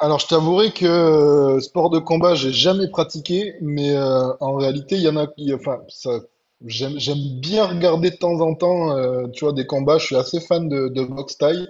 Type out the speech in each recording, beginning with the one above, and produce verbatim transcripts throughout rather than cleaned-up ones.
Alors, je t'avouerai que euh, sport de combat, j'ai jamais pratiqué, mais euh, en réalité, il y en a qui, enfin, ça, j'aime, j'aime bien regarder de temps en temps, euh, tu vois, des combats. Je suis assez fan de, de boxe thaï,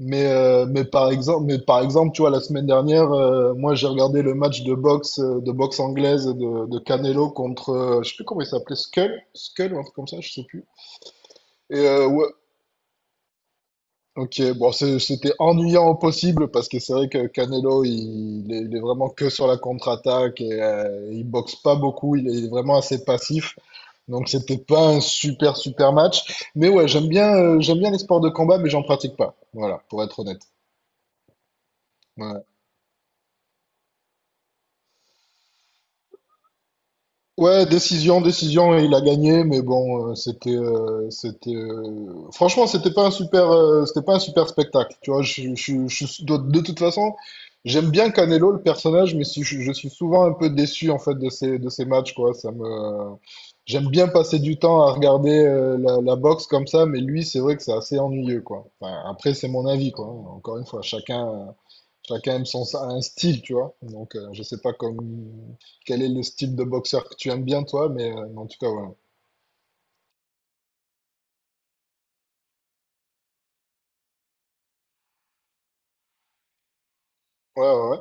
mais, euh, mais par exemple, mais par exemple, tu vois, la semaine dernière, euh, moi, j'ai regardé le match de boxe, euh, de boxe anglaise de, de Canelo contre, euh, je sais plus comment il s'appelait, Skull, Skull ou un truc comme ça, je sais plus. Et euh, ouais, ok, bon, c'est- c'était ennuyant au possible parce que c'est vrai que Canelo, il, il est, il est vraiment que sur la contre-attaque et euh, il boxe pas beaucoup, il est vraiment assez passif. Donc c'était pas un super super match. Mais ouais, j'aime bien, euh, j'aime bien les sports de combat, mais j'en pratique pas. Voilà, pour être honnête. Ouais. Ouais, décision, décision, il a gagné, mais bon, euh, c'était, euh, c'était, euh, franchement, c'était pas un super, euh, c'était pas un super spectacle. Tu vois, je, je, je, je- de, de toute façon, j'aime bien Canelo, le personnage, mais si- je, je suis souvent un peu déçu en fait de ces, de ces matchs, quoi. Ça me, j'aime bien passer du temps à regarder euh, la, la boxe comme ça, mais lui, c'est vrai que c'est assez ennuyeux, quoi. Enfin, après, c'est mon avis, quoi. Encore une fois, chacun. Chacun aime son, un style, tu vois. Donc, euh, je sais pas comme, quel est le style de boxeur que tu aimes bien, toi, mais euh, en tout cas, voilà. Ouais,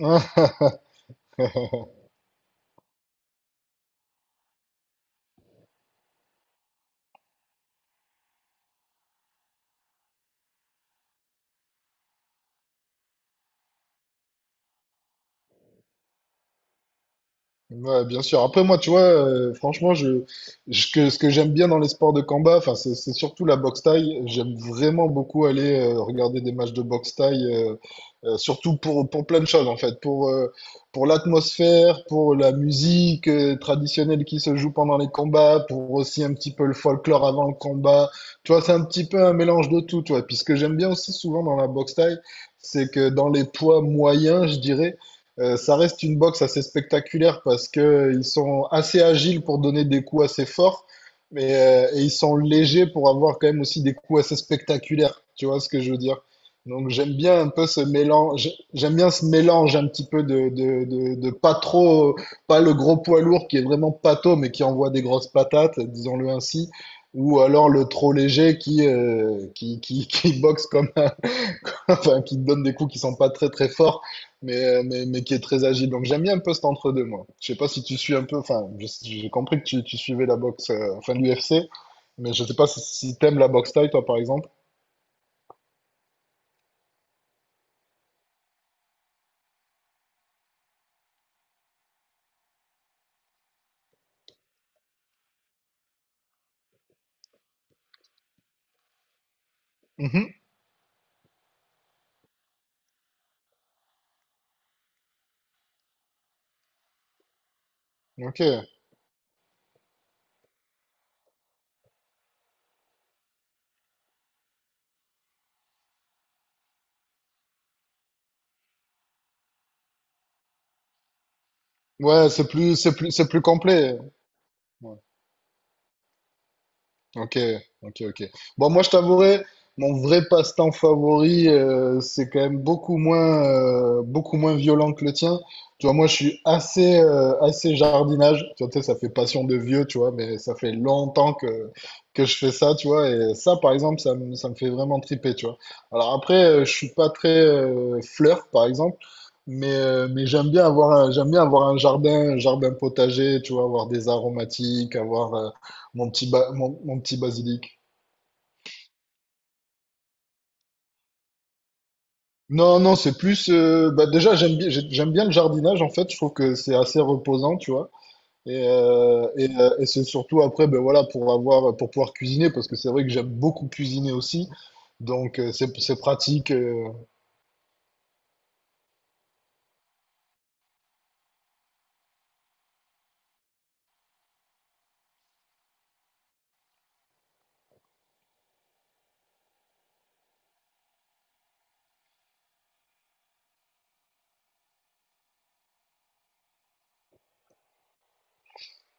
ouais, ouais. Ouais, bien sûr. Après, moi, tu vois, euh, franchement, je, je- que- ce que j'aime bien dans les sports de combat, enfin, c'est c'est surtout la boxe thaï. J'aime vraiment beaucoup aller euh, regarder des matchs de boxe thaï, euh, euh, surtout pour, pour plein de choses, en fait. Pour, euh, pour l'atmosphère, pour la musique euh, traditionnelle qui se joue pendant les combats, pour aussi un petit peu le folklore avant le combat. Tu vois, c'est un petit peu un mélange de tout, tu vois. Puis ce que j'aime bien aussi souvent dans la boxe thaï, c'est que dans les poids moyens, je dirais, euh, ça reste une boxe assez spectaculaire parce que euh, ils sont assez agiles pour donner des coups assez forts, mais euh, et ils sont légers pour avoir quand même aussi des coups assez spectaculaires. Tu vois ce que je veux dire? Donc j'aime bien un peu ce mélange, j'aime bien ce mélange un petit peu de, de, de, de pas trop, pas le gros poids lourd qui est vraiment pâteau mais qui envoie des grosses patates, disons-le ainsi, ou alors le trop léger qui, euh, qui, qui, qui boxe comme un, enfin, qui te donne des coups qui sont pas très très forts, mais, euh, mais, mais qui est très agile. Donc j'aime bien un peu cet entre-deux, moi. Je sais pas si tu suis un peu, enfin, je- j'ai compris que tu, tu suivais la boxe, euh, enfin l'U F C, mais je sais pas si, si t'aimes la boxe thaï, toi, par exemple. Mhm. Ok. Ouais, c'est plus, c'est plus, c'est plus complet. Ok, ok, ok. Bon, moi, je t'avouerai, mon vrai passe-temps favori, euh, c'est quand même beaucoup moins, euh, beaucoup moins violent que le tien. Tu vois, moi, je suis assez, euh, assez jardinage. Tu vois, tu sais, ça fait passion de vieux, tu vois, mais ça fait longtemps que, que je fais ça, tu vois. Et ça, par exemple, ça me, ça me fait vraiment triper, tu vois. Alors après, euh, je suis pas très euh, fleur, par exemple. Mais, euh, mais j'aime bien avoir un, j'aime bien avoir un jardin, un jardin potager, tu vois, avoir des aromatiques, avoir, euh, mon petit, ba- mon, mon petit basilic. Non, non, c'est plus. Euh, bah déjà, j'aime bien, j'ai- j'aime bien le jardinage, en fait. Je trouve que c'est assez reposant, tu vois. Et, euh, et, euh, et c'est surtout après, ben voilà, pour avoir, pour pouvoir cuisiner, parce que c'est vrai que j'aime beaucoup cuisiner aussi. Donc, euh, c'est, c'est pratique. euh.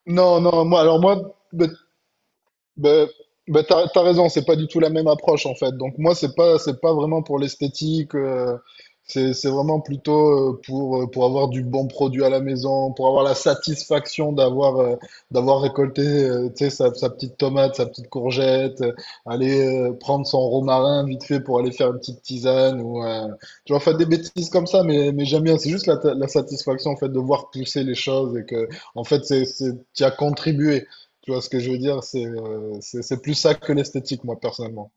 Non, non, moi, alors moi, ben, ben, ben t'as, t'as raison, c'est pas du tout la même approche en fait. Donc moi, c'est pas, c'est pas vraiment pour l'esthétique, euh, c'est, c'est vraiment plutôt euh, pour, euh, pour avoir du bon produit à la maison, pour avoir la satisfaction d'avoir, euh, d'avoir récolté, euh, tu sais, sa, sa petite tomate, sa petite courgette, euh, aller euh, prendre son romarin vite fait pour aller faire une petite tisane ou, euh, tu vois, faire des bêtises comme ça, mais, mais j'aime bien. C'est juste la, la satisfaction en fait de voir pousser les choses et que, en fait, c'est, c'est, t'y as contribué. Tu vois ce que je veux dire? C'est euh, c'est c'est plus ça que l'esthétique, moi, personnellement.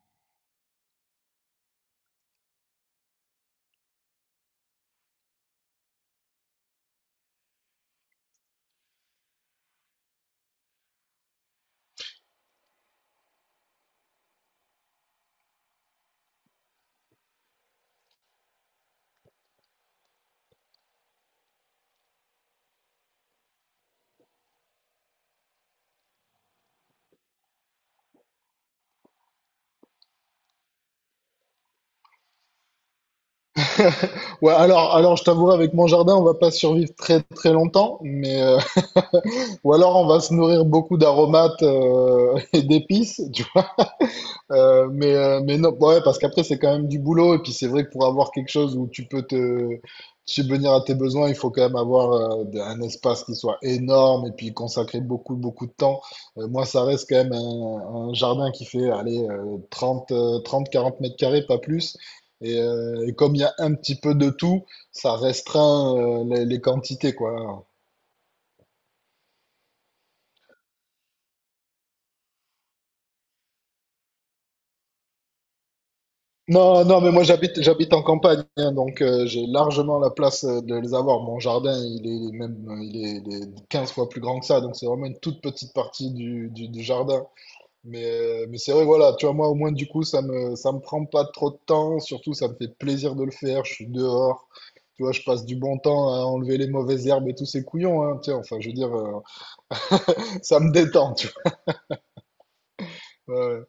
Ouais, alors, alors je t'avouerai, avec mon jardin, on va pas survivre très très longtemps, mais euh, ou alors on va se nourrir beaucoup d'aromates euh, et d'épices, tu… Euh, mais, euh, mais non, bah ouais, parce qu'après, c'est quand même du boulot. Et puis, c'est vrai que pour avoir quelque chose où tu peux te subvenir à tes besoins, il faut quand même avoir euh, un espace qui soit énorme et puis consacrer beaucoup, beaucoup de temps. Euh, moi, ça reste quand même un, un jardin qui fait, allez, euh, trente euh, trente, quarante mètres carrés, pas plus. Et, euh, et comme il y a un petit peu de tout, ça restreint euh, les, les quantités, quoi. Non, non, mais moi j'habite j'habite en campagne, hein, donc euh, j'ai largement la place euh, de les avoir. Mon jardin, il est même euh, il est, il est quinze fois plus grand que ça, donc c'est vraiment une toute petite partie du, du, du jardin. Mais, euh, mais c'est vrai, voilà, tu vois, moi au moins du coup, ça me, ça me prend pas trop de temps, surtout ça me fait plaisir de le faire, je suis dehors. Tu vois, je passe du bon temps à enlever les mauvaises herbes et tous ces couillons, hein, tu sais, enfin, je veux dire, euh, ça me détend, tu vois. Ouais, ouais.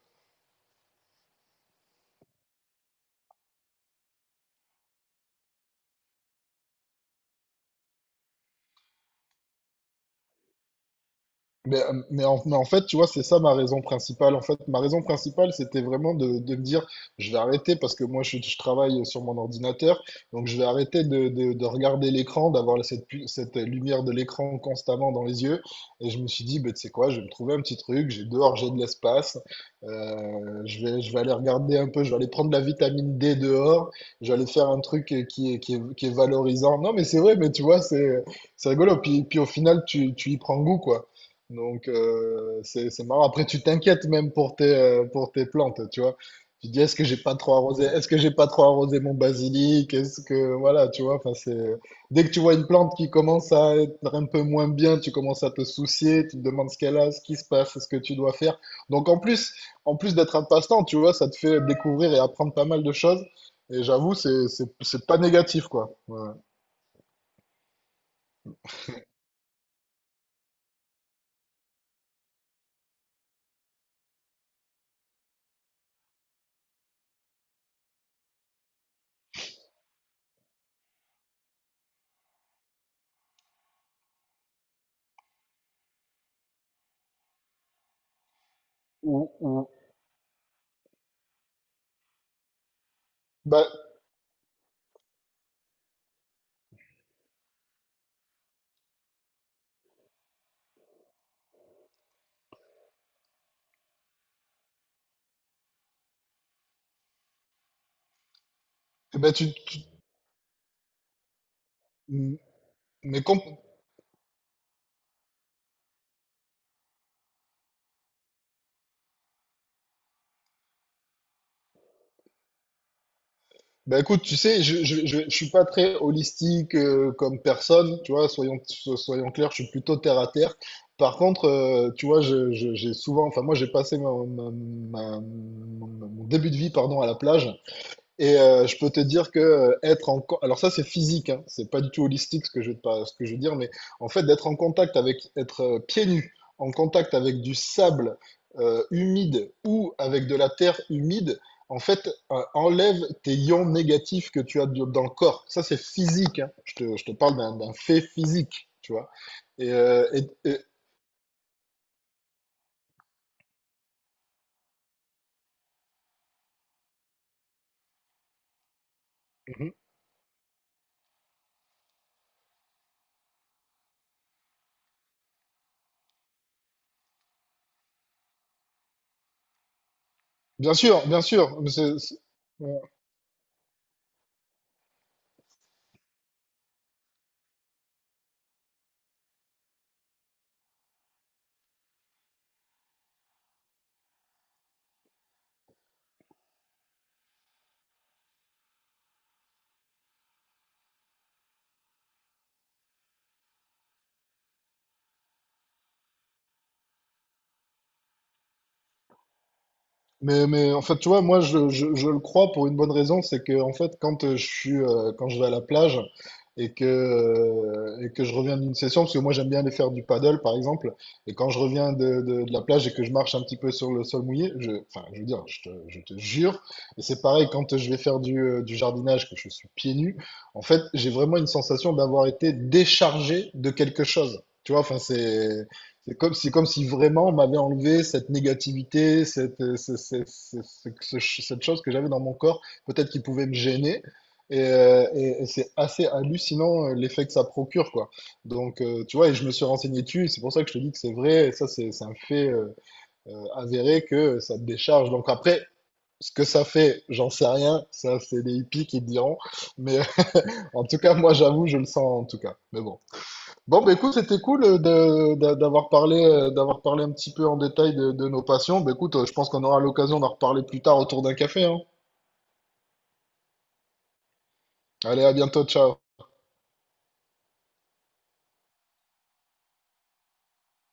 Mais, euh, mais, en, mais en fait, tu vois, c'est ça ma raison principale. En fait, ma raison principale, c'était vraiment de, de me dire, je vais arrêter parce que moi, je, je travaille sur mon ordinateur, donc je vais arrêter de, de, de regarder l'écran, d'avoir cette, pu- cette lumière de l'écran constamment dans les yeux. Et je me suis dit, bah, tu sais quoi, je vais me trouver un petit truc, j'ai dehors, j'ai de l'espace, euh, je vais, je vais aller regarder un peu, je vais aller prendre la vitamine D dehors, je vais aller faire un truc qui est, qui est, qui est valorisant. Non, mais c'est vrai, mais tu vois, c'est, c'est rigolo. Puis, puis au final, tu, tu y prends goût, quoi. Donc, euh, c'est, c'est marrant. Après, tu t'inquiètes même pour tes, euh, pour tes plantes, tu vois. Tu te dis, est-ce que j'ai pas trop arrosé? Est-ce que j'ai pas trop arrosé mon basilic? Est-ce que, voilà, tu vois, enfin, c'est, dès que tu vois une plante qui commence à être un peu moins bien, tu commences à te soucier, tu te demandes ce qu'elle a, ce qui se passe, ce que tu dois faire. Donc, en plus, en plus d'être un passe-temps, tu vois, ça te fait découvrir et apprendre pas mal de choses. Et j'avoue, c'est, c'est, c'est pas négatif, quoi. Ouais. Ou, ou, bah, bah tu, tu- mais ben écoute, tu sais, je, je, je, je suis pas très holistique euh, comme personne, tu vois, soyons, so- soyons clairs, je suis plutôt terre à terre. Par contre, euh, tu vois, je, je- j'ai souvent, enfin moi j'ai passé ma- ma- ma- mon mon début de vie, pardon, à la plage. Et euh, je peux te dire que euh, être en co- alors ça c'est physique, hein, c'est pas du tout holistique ce que je veux pas, ce que je veux dire, mais en fait d'être en contact avec, être euh, pieds nus, en contact avec du sable euh, humide ou avec de la terre humide, en fait euh, enlève tes ions négatifs que tu as du- dans le corps. Ça c'est physique, hein. Je te, je te parle d'un d'un fait physique, tu vois. Et, euh, et- et- Mhm. Bien sûr, bien sûr, mais c'est- c'est- Mais, mais en fait, tu vois, moi, je, je, je le crois pour une bonne raison, c'est que en fait, quand euh, je suis, euh, quand je vais à la plage et que, euh, et que je reviens d'une session, parce que moi, j'aime bien aller faire du paddle, par exemple, et quand je reviens de, de, de la plage et que je marche un petit peu sur le sol mouillé, je, enfin, je veux dire, je te, je te jure, et c'est pareil quand je vais faire du, euh, du jardinage, que je suis pieds nus, en fait, j'ai vraiment une sensation d'avoir été déchargé de quelque chose. Tu vois, enfin, c'est, c'est comme si, comme si, vraiment on m'avait enlevé cette négativité, cette, euh, ce- ce- ce- ce- ce- ce- cette chose que j'avais dans mon corps, peut-être qui pouvait me gêner. Et, euh, et- et c'est assez hallucinant euh, l'effet que ça procure, quoi. Donc, euh, tu vois, et je me suis renseigné dessus, c'est pour ça que je te dis que c'est vrai, et ça, c'est c'est un fait euh, euh, avéré que ça te décharge. Donc après, ce que ça fait, j'en sais rien, ça, c'est les hippies qui te diront. Mais en tout cas, moi, j'avoue, je le sens en tout cas. Mais bon. Bon, bah, écoute, c'était cool euh, de- de- d'avoir parlé, euh, d'avoir parlé un petit peu en détail de, de nos passions. Bah, écoute, euh, je pense qu'on aura l'occasion d'en reparler plus tard autour d'un café, hein. Allez, à bientôt, ciao.